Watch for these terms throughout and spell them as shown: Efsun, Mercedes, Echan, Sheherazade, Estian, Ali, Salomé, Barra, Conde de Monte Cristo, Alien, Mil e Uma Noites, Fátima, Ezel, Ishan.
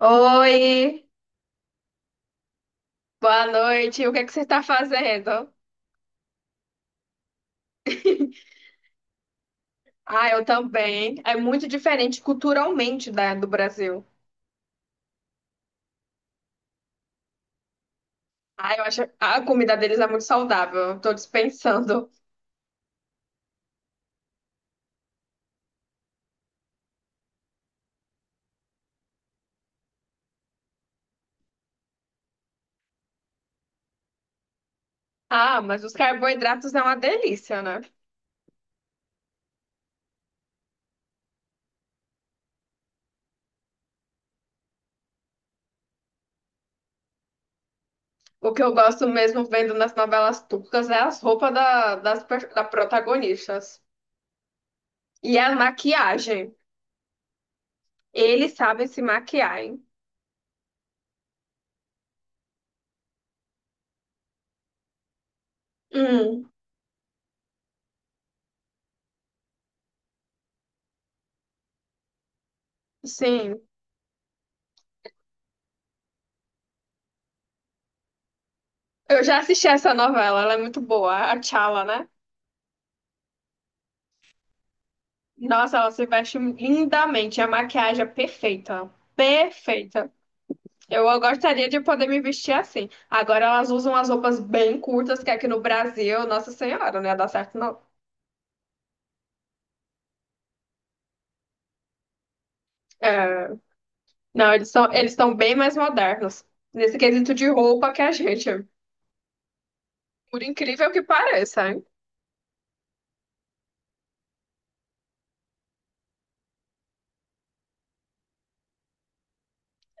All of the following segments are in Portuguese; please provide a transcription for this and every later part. Oi, boa noite. O que é que você está fazendo? Ah, eu também. É muito diferente culturalmente da, do Brasil. Ah, eu acho a comida deles é muito saudável. Eu tô dispensando. Ah, mas os carboidratos é uma delícia, né? O que eu gosto mesmo vendo nas novelas turcas é as roupas da, das da protagonistas. E a maquiagem. Eles sabem se maquiar, hein? Hum, sim. Eu já assisti essa novela, ela é muito boa, a Chala, né? Nossa, ela se veste lindamente. A maquiagem é perfeita. Perfeita. Eu gostaria de poder me vestir assim. Agora elas usam as roupas bem curtas, que aqui no Brasil, Nossa Senhora, não ia dar certo, não. É. Não, eles são, eles estão bem mais modernos nesse quesito de roupa que a gente. Por incrível que pareça, hein?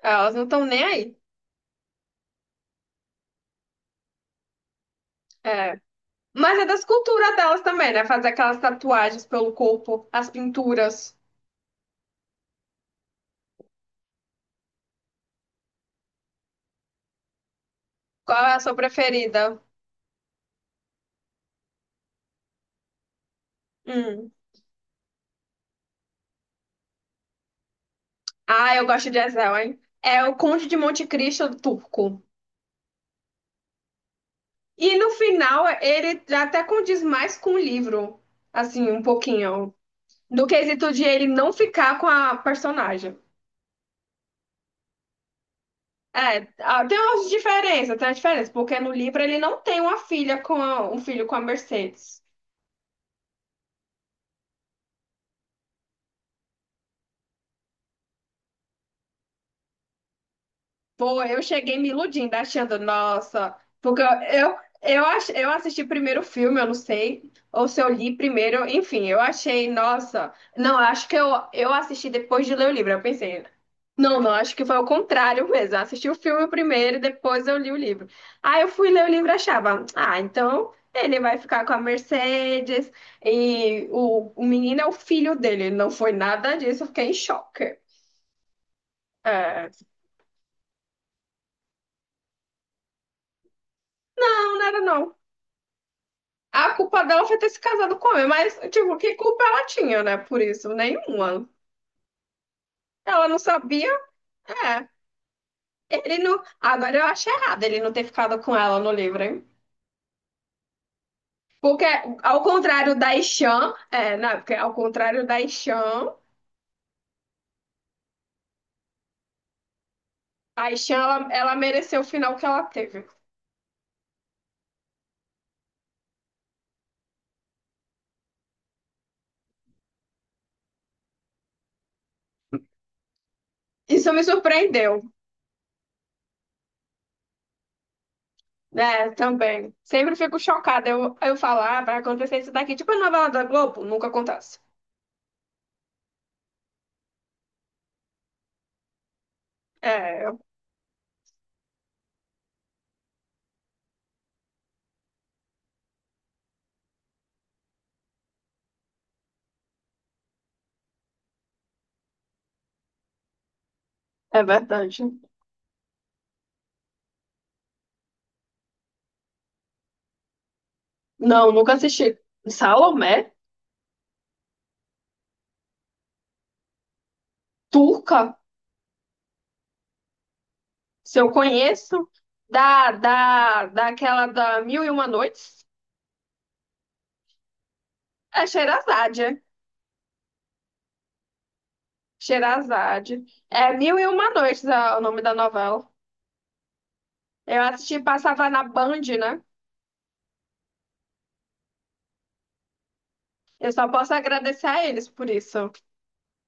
Elas não estão nem aí. É. Mas é das culturas delas também, né? Fazer aquelas tatuagens pelo corpo, as pinturas. Qual é a sua preferida? Hum. Ah, eu gosto de Ezel, hein? É o Conde de Monte Cristo turco. E no final, ele até condiz mais com o livro, assim, um pouquinho, do quesito de ele não ficar com a personagem. É, ah, tem umas diferenças, tem uma diferença, porque no livro ele não tem uma filha com um filho com a Mercedes. Pô, eu cheguei me iludindo, achando, nossa, porque eu assisti primeiro o filme, eu não sei, ou se eu li primeiro, enfim, eu achei, nossa, não, eu assisti depois de ler o livro, eu pensei, não, acho que foi o contrário mesmo, eu assisti o filme primeiro e depois eu li o livro. Aí eu fui ler o livro e achava, ah, então ele vai ficar com a Mercedes e o menino é o filho dele, não foi nada disso, eu fiquei em choque. É, não, não era não. A culpa dela foi ter se casado com ele, mas, tipo, que culpa ela tinha, né? Por isso, nenhuma. Ela não sabia, é. Ele não. Agora eu acho errado ele não ter ficado com ela no livro, hein? Porque, ao contrário da Ishan, é, não, porque ao contrário da Ishan, ela mereceu o final que ela teve. Isso me surpreendeu, né? Também. Sempre fico chocada. Eu falo, ah, vai acontecer isso daqui. Tipo a novela da Globo, nunca acontece. É, é verdade. Não, nunca assisti. Salomé? Turca, se eu conheço, daquela da Mil e Uma Noites, é Sheherazade, é? Sheherazade. É Mil e Uma Noites é o nome da novela. Eu assisti, passava na Band, né? Eu só posso agradecer a eles por isso.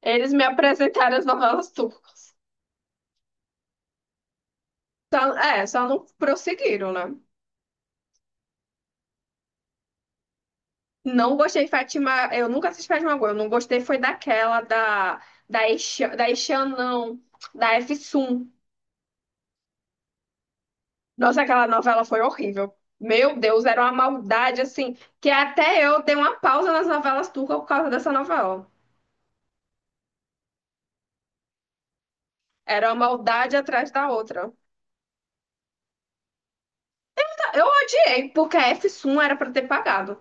Eles me apresentaram as novelas turcas. É, só não prosseguiram, né? Não gostei de Fátima, eu nunca assisti Fátima Agora, eu não gostei foi daquela da da Ishan não, da Efsun. Nossa, aquela novela foi horrível. Meu Deus, era uma maldade assim, que até eu dei uma pausa nas novelas turcas por causa dessa novela. Era uma maldade atrás da outra. Tá. Eu odiei, porque a F1 era pra ter pagado.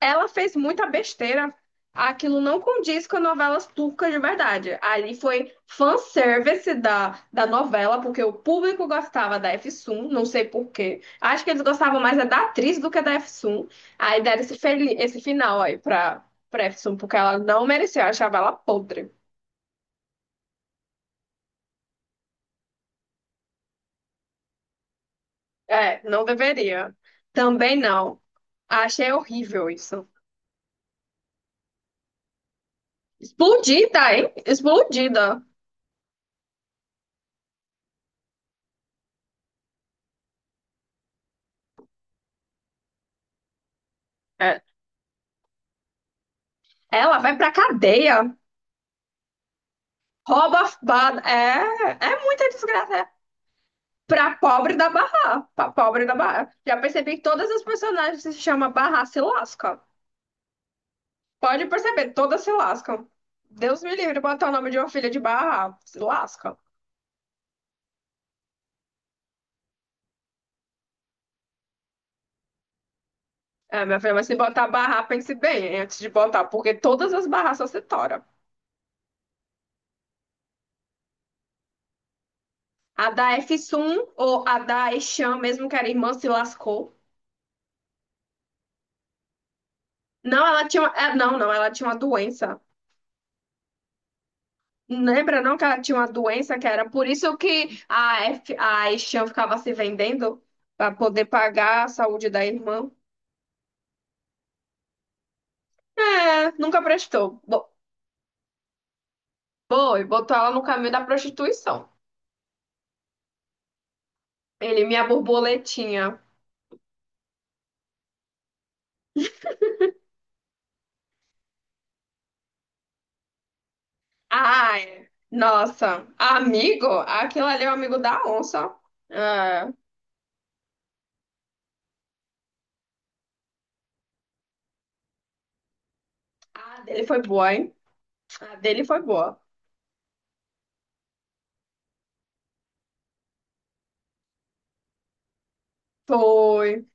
Ela fez muita besteira. Aquilo não condiz com novelas turcas de verdade. Ali foi fanservice da, da novela, porque o público gostava da Efsun, não sei por quê. Acho que eles gostavam mais é da atriz do que da Efsun. Aí deram esse, esse final aí pra, pra Efsun, porque ela não merecia, eu achava ela podre. É, não deveria. Também não. Achei horrível isso. Explodida, hein? Explodida. É. Ela vai pra cadeia. É, é muita desgraça. É. Pra pobre da Barra. Pra pobre da Barra. Já percebi que todas as personagens que se chama Barra se lascam. Pode perceber, todas se lascam. Deus me livre de botar o nome de uma filha de Barra. Se lasca. É, minha filha, mas se botar Barra, pense bem hein, antes de botar, porque todas as Barras só se toram. A da f ou a da Echan, mesmo que era irmã, se lascou. Não, ela tinha. É, não, ela tinha uma doença. Lembra não que ela tinha uma doença que era por isso que a Estian ficava se vendendo para poder pagar a saúde da irmã? É, nunca prestou. Foi, botou ela no caminho da prostituição. Ele, minha borboletinha. Ai, nossa, amigo? Aquilo ali é o amigo da onça. É. A dele foi boa, hein? A dele foi boa. Foi.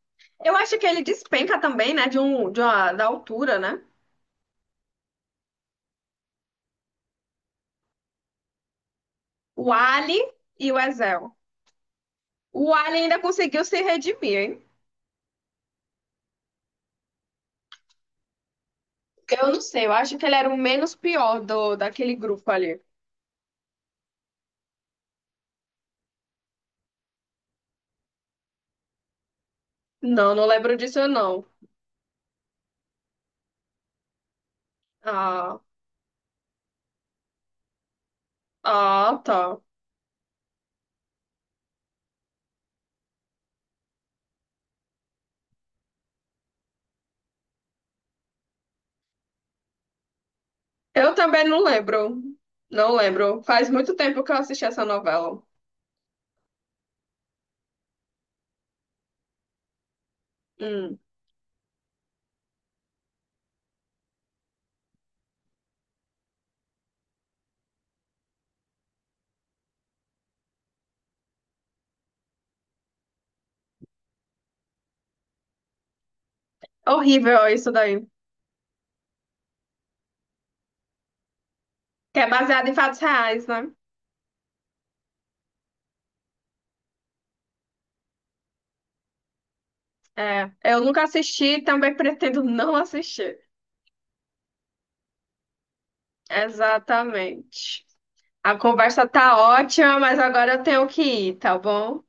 Eu acho que ele despenca também, né? De um, de uma, da altura, né? O Ali e o Ezel. O Alien ainda conseguiu se redimir, hein? Eu não sei, eu acho que ele era o menos pior do, daquele grupo ali. Não, não lembro disso, não. Ah, ah, tá. Eu também não lembro. Não lembro. Faz muito tempo que eu assisti essa novela. Hum, horrível isso daí. Que é baseado em fatos reais, né? É. Eu nunca assisti e também pretendo não assistir. Exatamente. A conversa tá ótima, mas agora eu tenho que ir, tá bom?